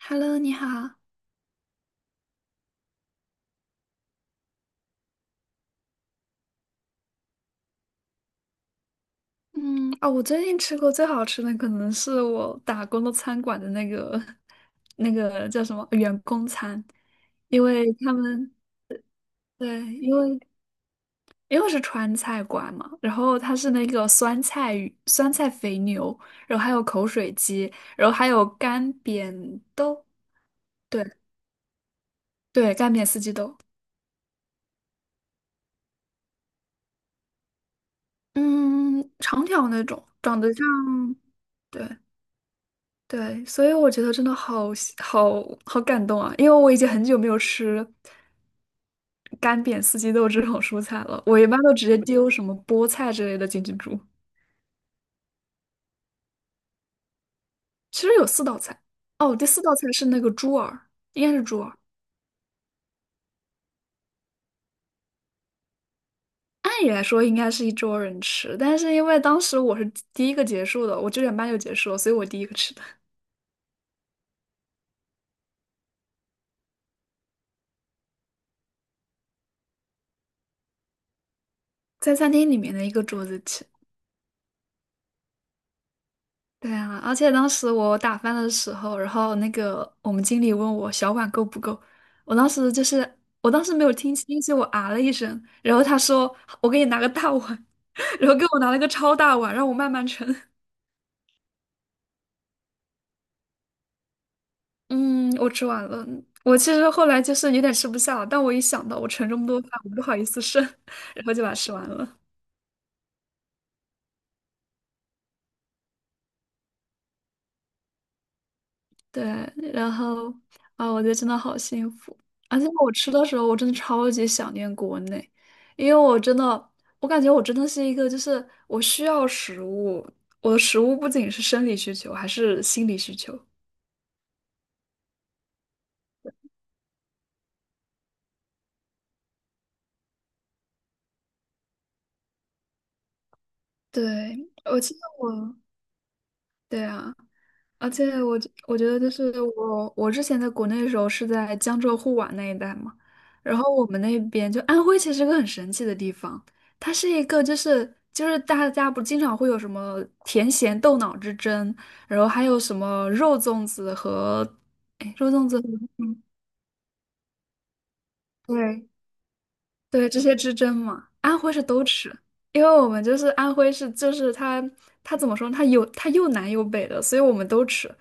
Hello，你好。嗯，哦，我最近吃过最好吃的可能是我打工的餐馆的那个 那个叫什么员工餐，因为他们对，因为我是川菜馆嘛，然后它是那个酸菜鱼、酸菜肥牛，然后还有口水鸡，然后还有干煸豆，对对，干煸四季豆，嗯，长条那种，长得像，对。对，所以我觉得真的好喜好好感动啊！因为我已经很久没有吃干煸四季豆这种蔬菜了，我一般都直接丢什么菠菜之类的进去煮。其实有四道菜，哦，第四道菜是那个猪耳，应该是猪耳。按理来说应该是一桌人吃，但是因为当时我是第一个结束的，我9点半就结束了，所以我第一个吃的，在餐厅里面的一个桌子吃。对啊，而且当时我打饭的时候，然后那个我们经理问我小碗够不够，我当时就是我当时没有听清，就我啊了一声，然后他说我给你拿个大碗，然后给我拿了个超大碗，让我慢慢盛。嗯，我吃完了。我其实后来就是有点吃不下了，但我一想到我盛这么多饭，我不好意思剩，然后就把它吃完了。对，然后啊，我觉得真的好幸福。而且我吃的时候，我真的超级想念国内，因为我真的，我感觉我真的是一个，就是我需要食物，我的食物不仅是生理需求，还是心理需求。对，我记得我，对啊。而且我觉得就是我之前在国内的时候是在江浙沪皖那一带嘛，然后我们那边就安徽其实是个很神奇的地方，它是一个就是大家不经常会有什么甜咸豆脑之争，然后还有什么肉粽子和，嗯对对这些之争嘛，安徽是都吃。因为我们就是安徽是，就是它，它怎么说呢它有它又南又北的，所以我们都吃。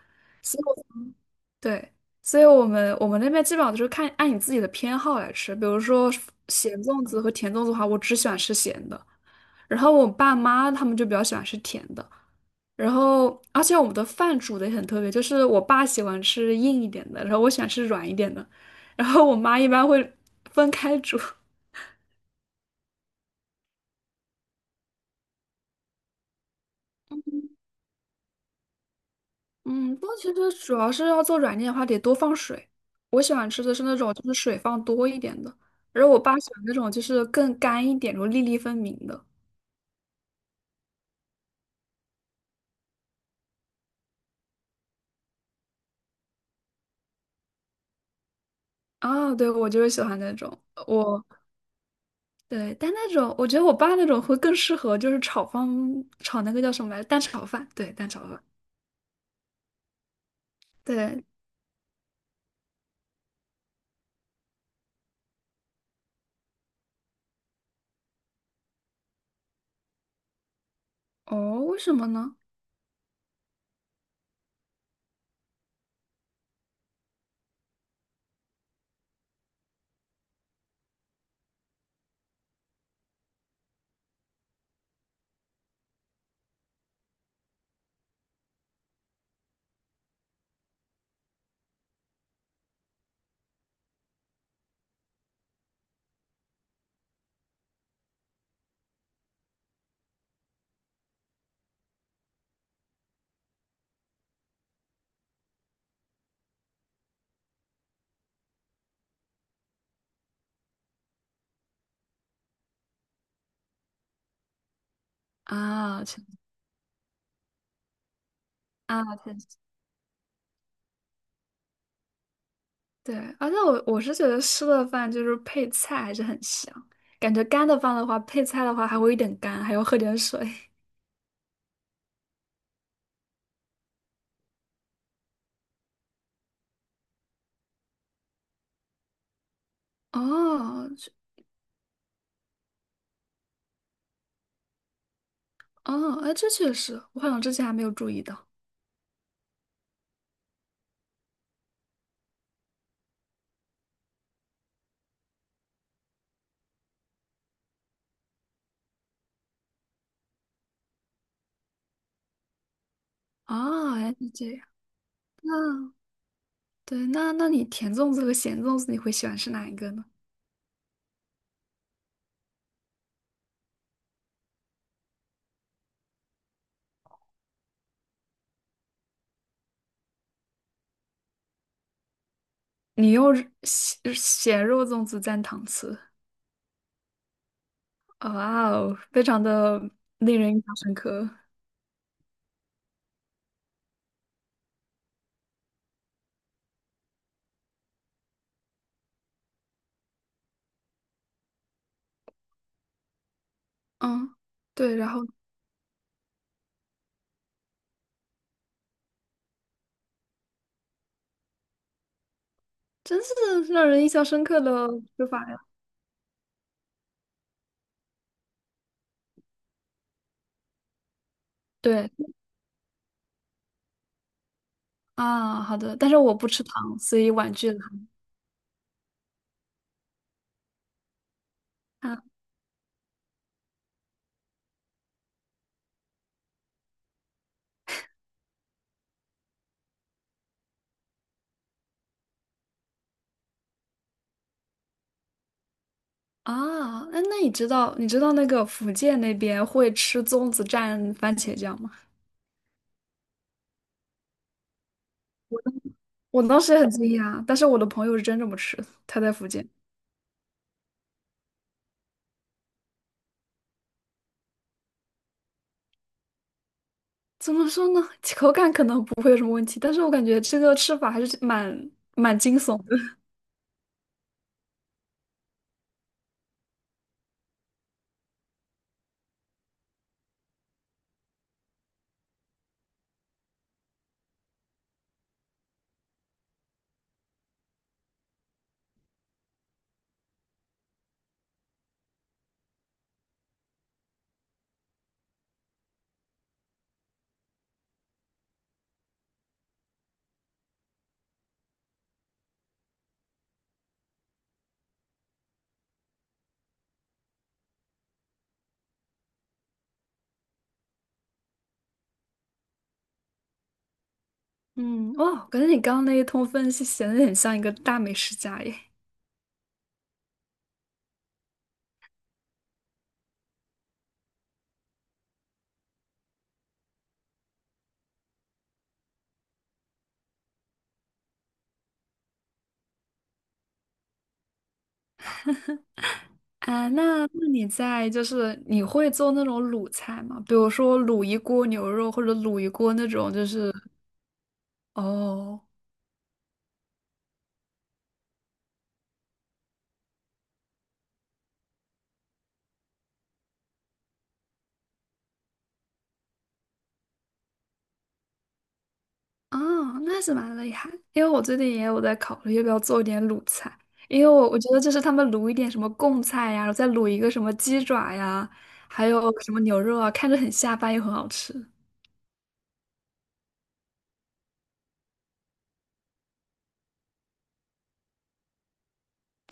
对，所以我们那边基本上就是看按你自己的偏好来吃，比如说咸粽子和甜粽子的话，我只喜欢吃咸的，然后我爸妈他们就比较喜欢吃甜的，然后而且我们的饭煮的也很特别，就是我爸喜欢吃硬一点的，然后我喜欢吃软一点的，然后我妈一般会分开煮。嗯，不过其实主要是要做软件的话，得多放水。我喜欢吃的是那种就是水放多一点的，然后我爸喜欢那种就是更干一点，然后粒粒分明的。啊，对，我就是喜欢那种，我对，但那种我觉得我爸那种会更适合，就是炒那个叫什么来着，蛋炒饭，对，蛋炒饭，对，哦，为什么呢？啊，确啊，确实对，而且我是觉得湿的饭就是配菜还是很香，感觉干的饭的话，配菜的话还会有一点干，还要喝点水。哦，这哦，哎，这确实，我好像之前还没有注意到。哦，原来是这样。那对，那你甜粽子和咸粽子，你会喜欢吃哪一个呢？你用咸肉粽子蘸糖吃，哦哇哦，非常的令人印象深刻。嗯，对，然后真是让人印象深刻的吃法呀。对啊，好的，但是我不吃糖，所以婉拒了。啊那你知道那个福建那边会吃粽子蘸番茄酱吗？我当时也很惊讶，但是我的朋友是真这么吃，他在福建。怎么说呢？口感可能不会有什么问题，但是我感觉这个吃法还是蛮惊悚。嗯，哇，感觉你刚刚那一通分析显得很像一个大美食家耶。啊，那你在就是你会做那种卤菜吗？比如说卤一锅牛肉或者卤一锅那种，就是哦哦，那是蛮厉害。因为我最近也有在考虑要不要做一点卤菜，因为我觉得就是他们卤一点什么贡菜呀，再卤一个什么鸡爪呀，还有什么牛肉啊，看着很下饭又很好吃。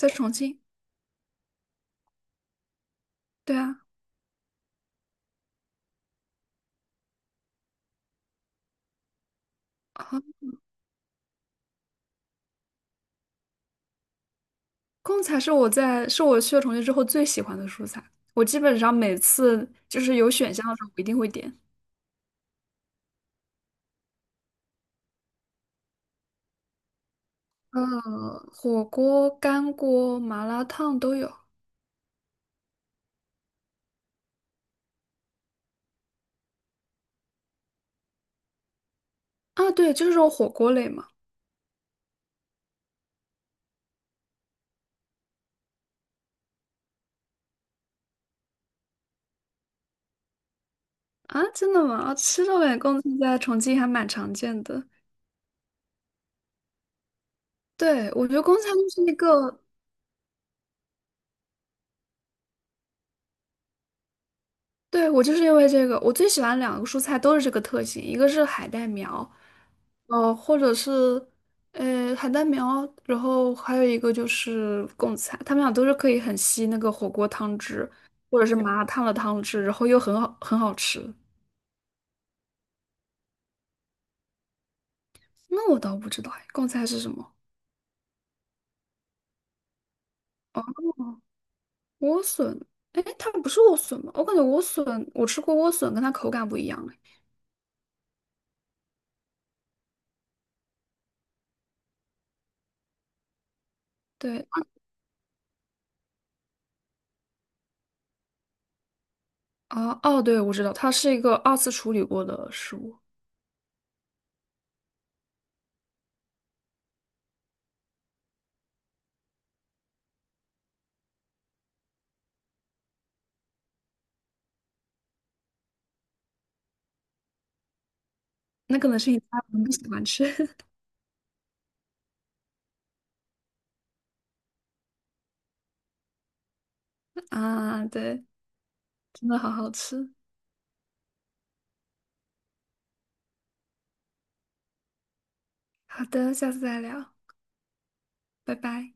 在重庆，对啊。贡菜是我在是我去了重庆之后最喜欢的蔬菜，我基本上每次就是有选项的时候，我一定会点。呃，火锅、干锅、麻辣烫都有啊。对，就是这种火锅类嘛。啊，真的吗？啊，吃这种贡菜在重庆还蛮常见的。对，我觉得贡菜就是一个对，我就是因为这个，我最喜欢两个蔬菜都是这个特性，一个是海带苗，呃，或者是然后还有一个就是贡菜，它们俩都是可以很吸那个火锅汤汁，或者是麻辣烫的汤汁，然后又很好吃。那我倒不知道哎，贡菜是什么？哦，莴笋，哎，它不是莴笋吗？我感觉莴笋，我吃过莴笋，跟它口感不一样哎。对，啊，哦，对，我知道，它是一个二次处理过的食物，那可能是你家人不喜欢吃。啊，对，真的好好吃。好的，下次再聊，拜拜。